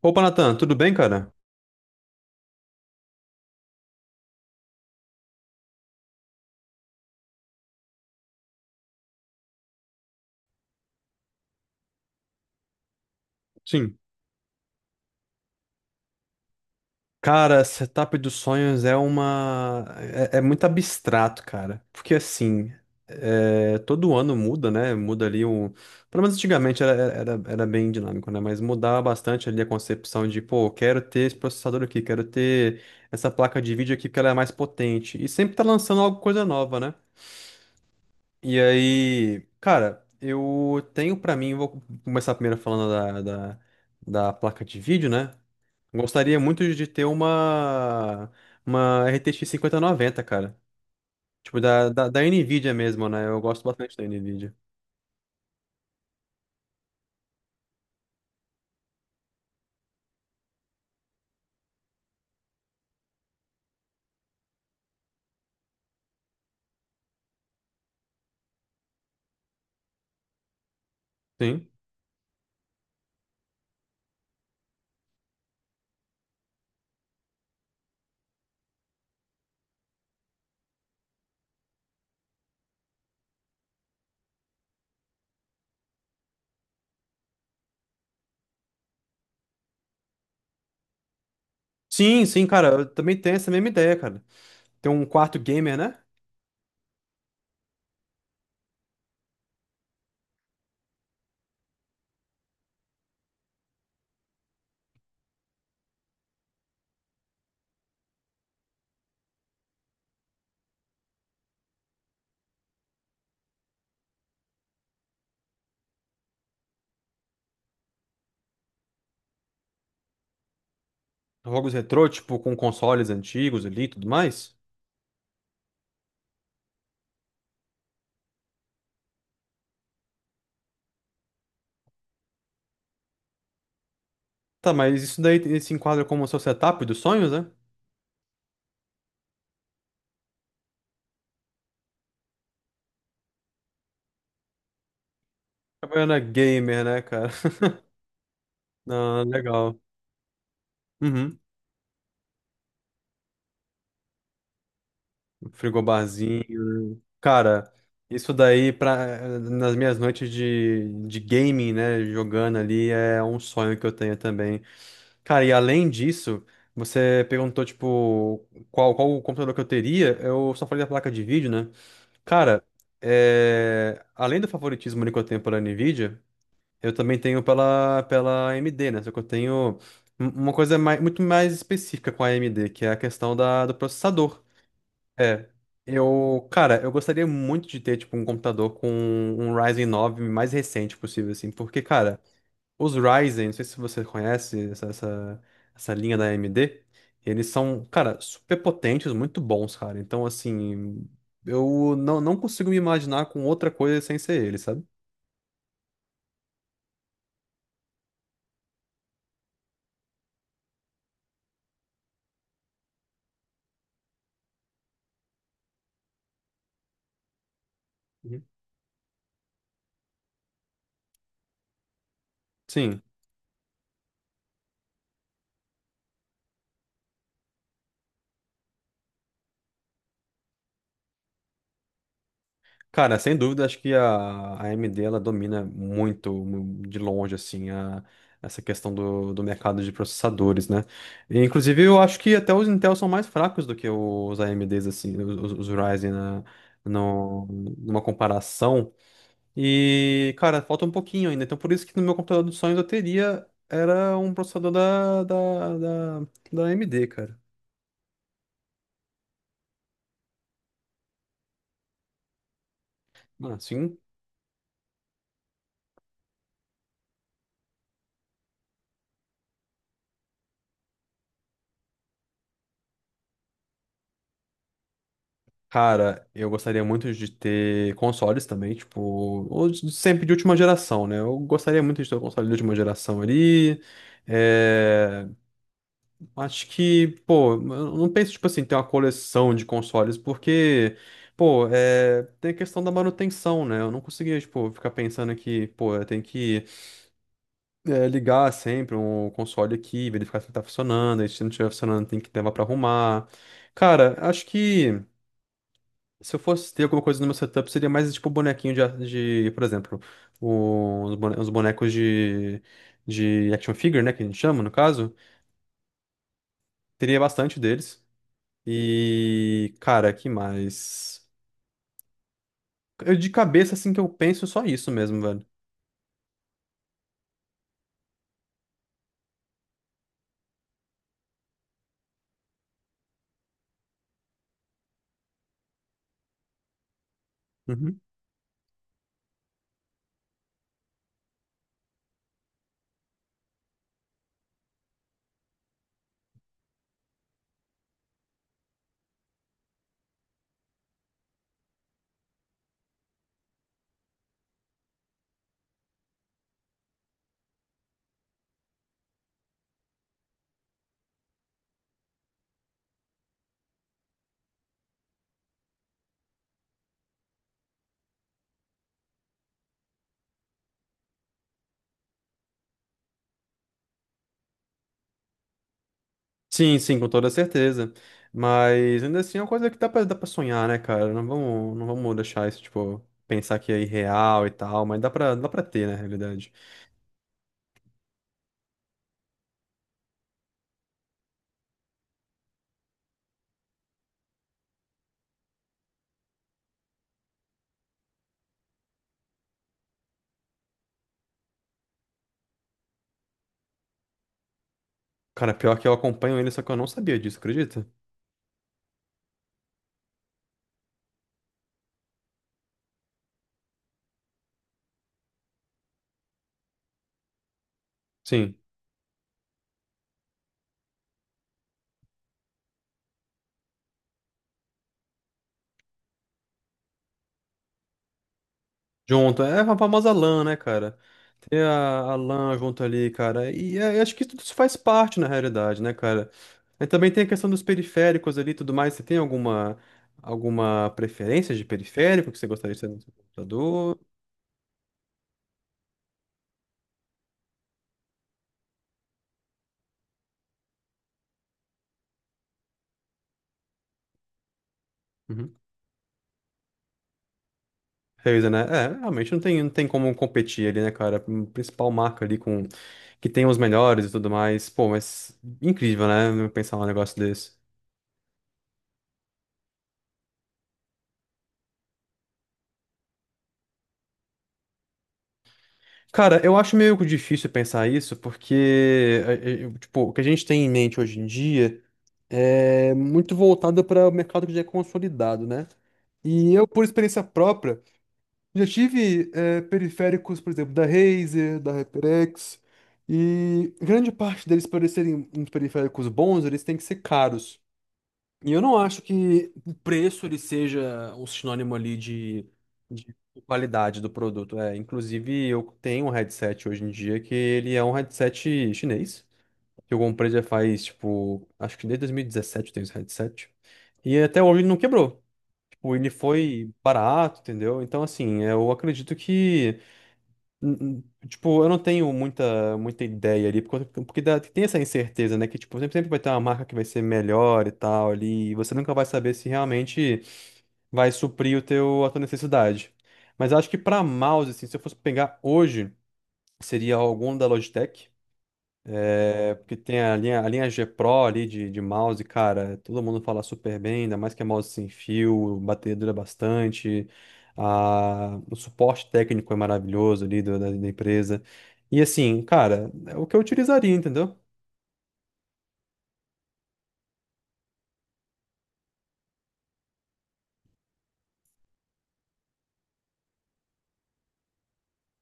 Opa, Natan, tudo bem, cara? Sim. Cara, setup dos sonhos é uma. É, é muito abstrato, cara. Porque assim, todo ano muda, né? Muda ali um. Pelo menos antigamente era bem dinâmico, né? Mas mudava bastante ali a concepção de, pô, quero ter esse processador aqui, quero ter essa placa de vídeo aqui porque ela é mais potente. E sempre tá lançando alguma coisa nova, né? E aí, cara, eu tenho pra mim, vou começar primeiro falando da placa de vídeo, né? Gostaria muito de ter uma RTX 90, cara. Tipo, da NVIDIA mesmo, né? Eu gosto bastante da NVIDIA. Sim. Sim, sim, cara. Eu também tenho essa mesma ideia, cara. Ter um quarto gamer, né? Jogos retrô, tipo, com consoles antigos ali e tudo mais. Tá, mas isso daí se enquadra como o seu setup dos sonhos, né? Trabalhando na gamer, né, cara? Ah, legal. Uhum. Frigobarzinho, né? Cara, isso daí pra, nas minhas noites de gaming, né? Jogando ali é um sonho que eu tenho também. Cara, e além disso, você perguntou, tipo, qual o computador que eu teria? Eu só falei da placa de vídeo, né? Cara, além do favoritismo ali que eu tenho pela Nvidia, eu também tenho pela AMD, né? Só que eu tenho uma coisa mais, muito mais específica com a AMD, que é a questão da, do processador. É. Eu, cara, eu gostaria muito de ter, tipo, um computador com um Ryzen 9 mais recente possível, assim, porque, cara, os Ryzen, não sei se você conhece essa linha da AMD, eles são, cara, super potentes, muito bons, cara. Então, assim, eu não consigo me imaginar com outra coisa sem ser ele, sabe? Uhum. Sim. Cara, sem dúvida, acho que a AMD ela domina muito de longe assim essa questão do mercado de processadores, né? E, inclusive, eu acho que até os Intel são mais fracos do que os AMDs assim, os Ryzen né, no- numa comparação. E, cara, falta um pouquinho ainda. Então, por isso que no meu computador dos sonhos eu teria era um processador da AMD, cara. Ah, sim. Cara, eu gostaria muito de ter consoles também, tipo, sempre de última geração, né? Eu gostaria muito de ter um console de última geração ali. É, Acho que, pô, eu não penso, tipo assim, ter uma coleção de consoles, porque, pô, tem a questão da manutenção, né? Eu não conseguia, tipo, ficar pensando que, pô, eu tenho que ligar sempre um console aqui, verificar se ele tá funcionando, e se não estiver funcionando, tem que levar pra arrumar. Cara, acho que. Se eu fosse ter alguma coisa no meu setup, seria mais tipo bonequinho de, de, por exemplo, os bonecos de action figure, né, que a gente chama, no caso. Teria bastante deles. E, cara, que mais? Eu de cabeça, assim, que eu penso só isso mesmo, velho. Uhum. Sim, sim, com toda certeza. Mas ainda assim é uma coisa que dá pra sonhar, né, cara? Não vamos deixar isso, tipo, pensar que é irreal e tal, mas dá pra ter, né, na realidade. Cara, pior que eu acompanho ele, só que eu não sabia disso, acredita? Sim. Junto, é a famosa LAN, né, cara? Ter a LAN junto ali, cara. E eu acho que tudo isso faz parte, na realidade, né, cara? E também tem a questão dos periféricos ali e tudo mais. Você tem alguma preferência de periférico que você gostaria de ter no seu computador? Uhum. Razer, né? É, realmente não tem como competir ali, né, cara? A principal marca ali com que tem os melhores e tudo mais. Pô, mas incrível, né? Pensar um negócio desse. Cara, eu acho meio difícil pensar isso, porque tipo, o que a gente tem em mente hoje em dia é muito voltado para o mercado que já é consolidado, né? E eu, por experiência própria, já tive periféricos, por exemplo, da Razer, da HyperX, e grande parte deles, para eles serem uns periféricos bons, eles têm que ser caros. E eu não acho que o preço ele seja um sinônimo ali de qualidade do produto. É, inclusive, eu tenho um headset hoje em dia que ele é um headset chinês, que eu comprei já faz, tipo, acho que desde 2017 eu tenho esse headset. E até hoje ele não quebrou. Tipo, ele foi barato, entendeu? Então, assim, eu acredito que tipo, eu não tenho muita, muita ideia ali, porque, tem essa incerteza, né? Que tipo, sempre vai ter uma marca que vai ser melhor e tal ali, e você nunca vai saber se realmente vai suprir o teu, a tua necessidade. Mas eu acho que pra mouse, assim, se eu fosse pegar hoje, seria algum da Logitech. É porque tem a linha G Pro ali de mouse, cara, todo mundo fala super bem, ainda mais que é mouse sem fio, bateria dura bastante, a, o suporte técnico é maravilhoso ali da empresa. E assim, cara, é o que eu utilizaria, entendeu?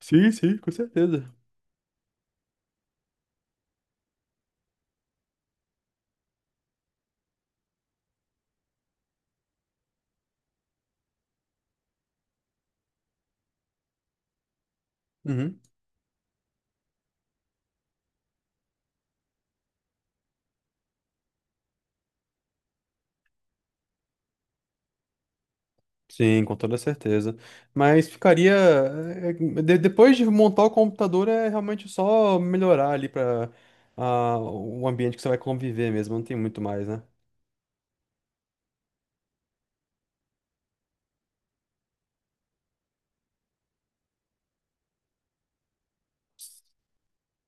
Sim, sim, com certeza. Uhum. Sim, com toda certeza. Mas ficaria. Depois de montar o computador, é realmente só melhorar ali para o ambiente que você vai conviver mesmo, não tem muito mais, né?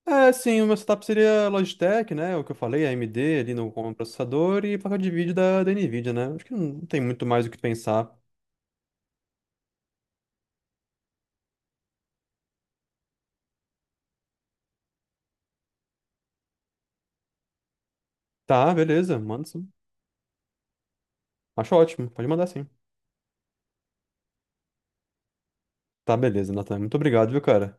É, sim, o meu setup seria Logitech, né? É o que eu falei, AMD ali no com o processador e placa de vídeo da Nvidia, né? Acho que não tem muito mais o que pensar. Tá, beleza, manda sim. Acho ótimo, pode mandar sim. Tá, beleza, Nathan. Muito obrigado, viu, cara?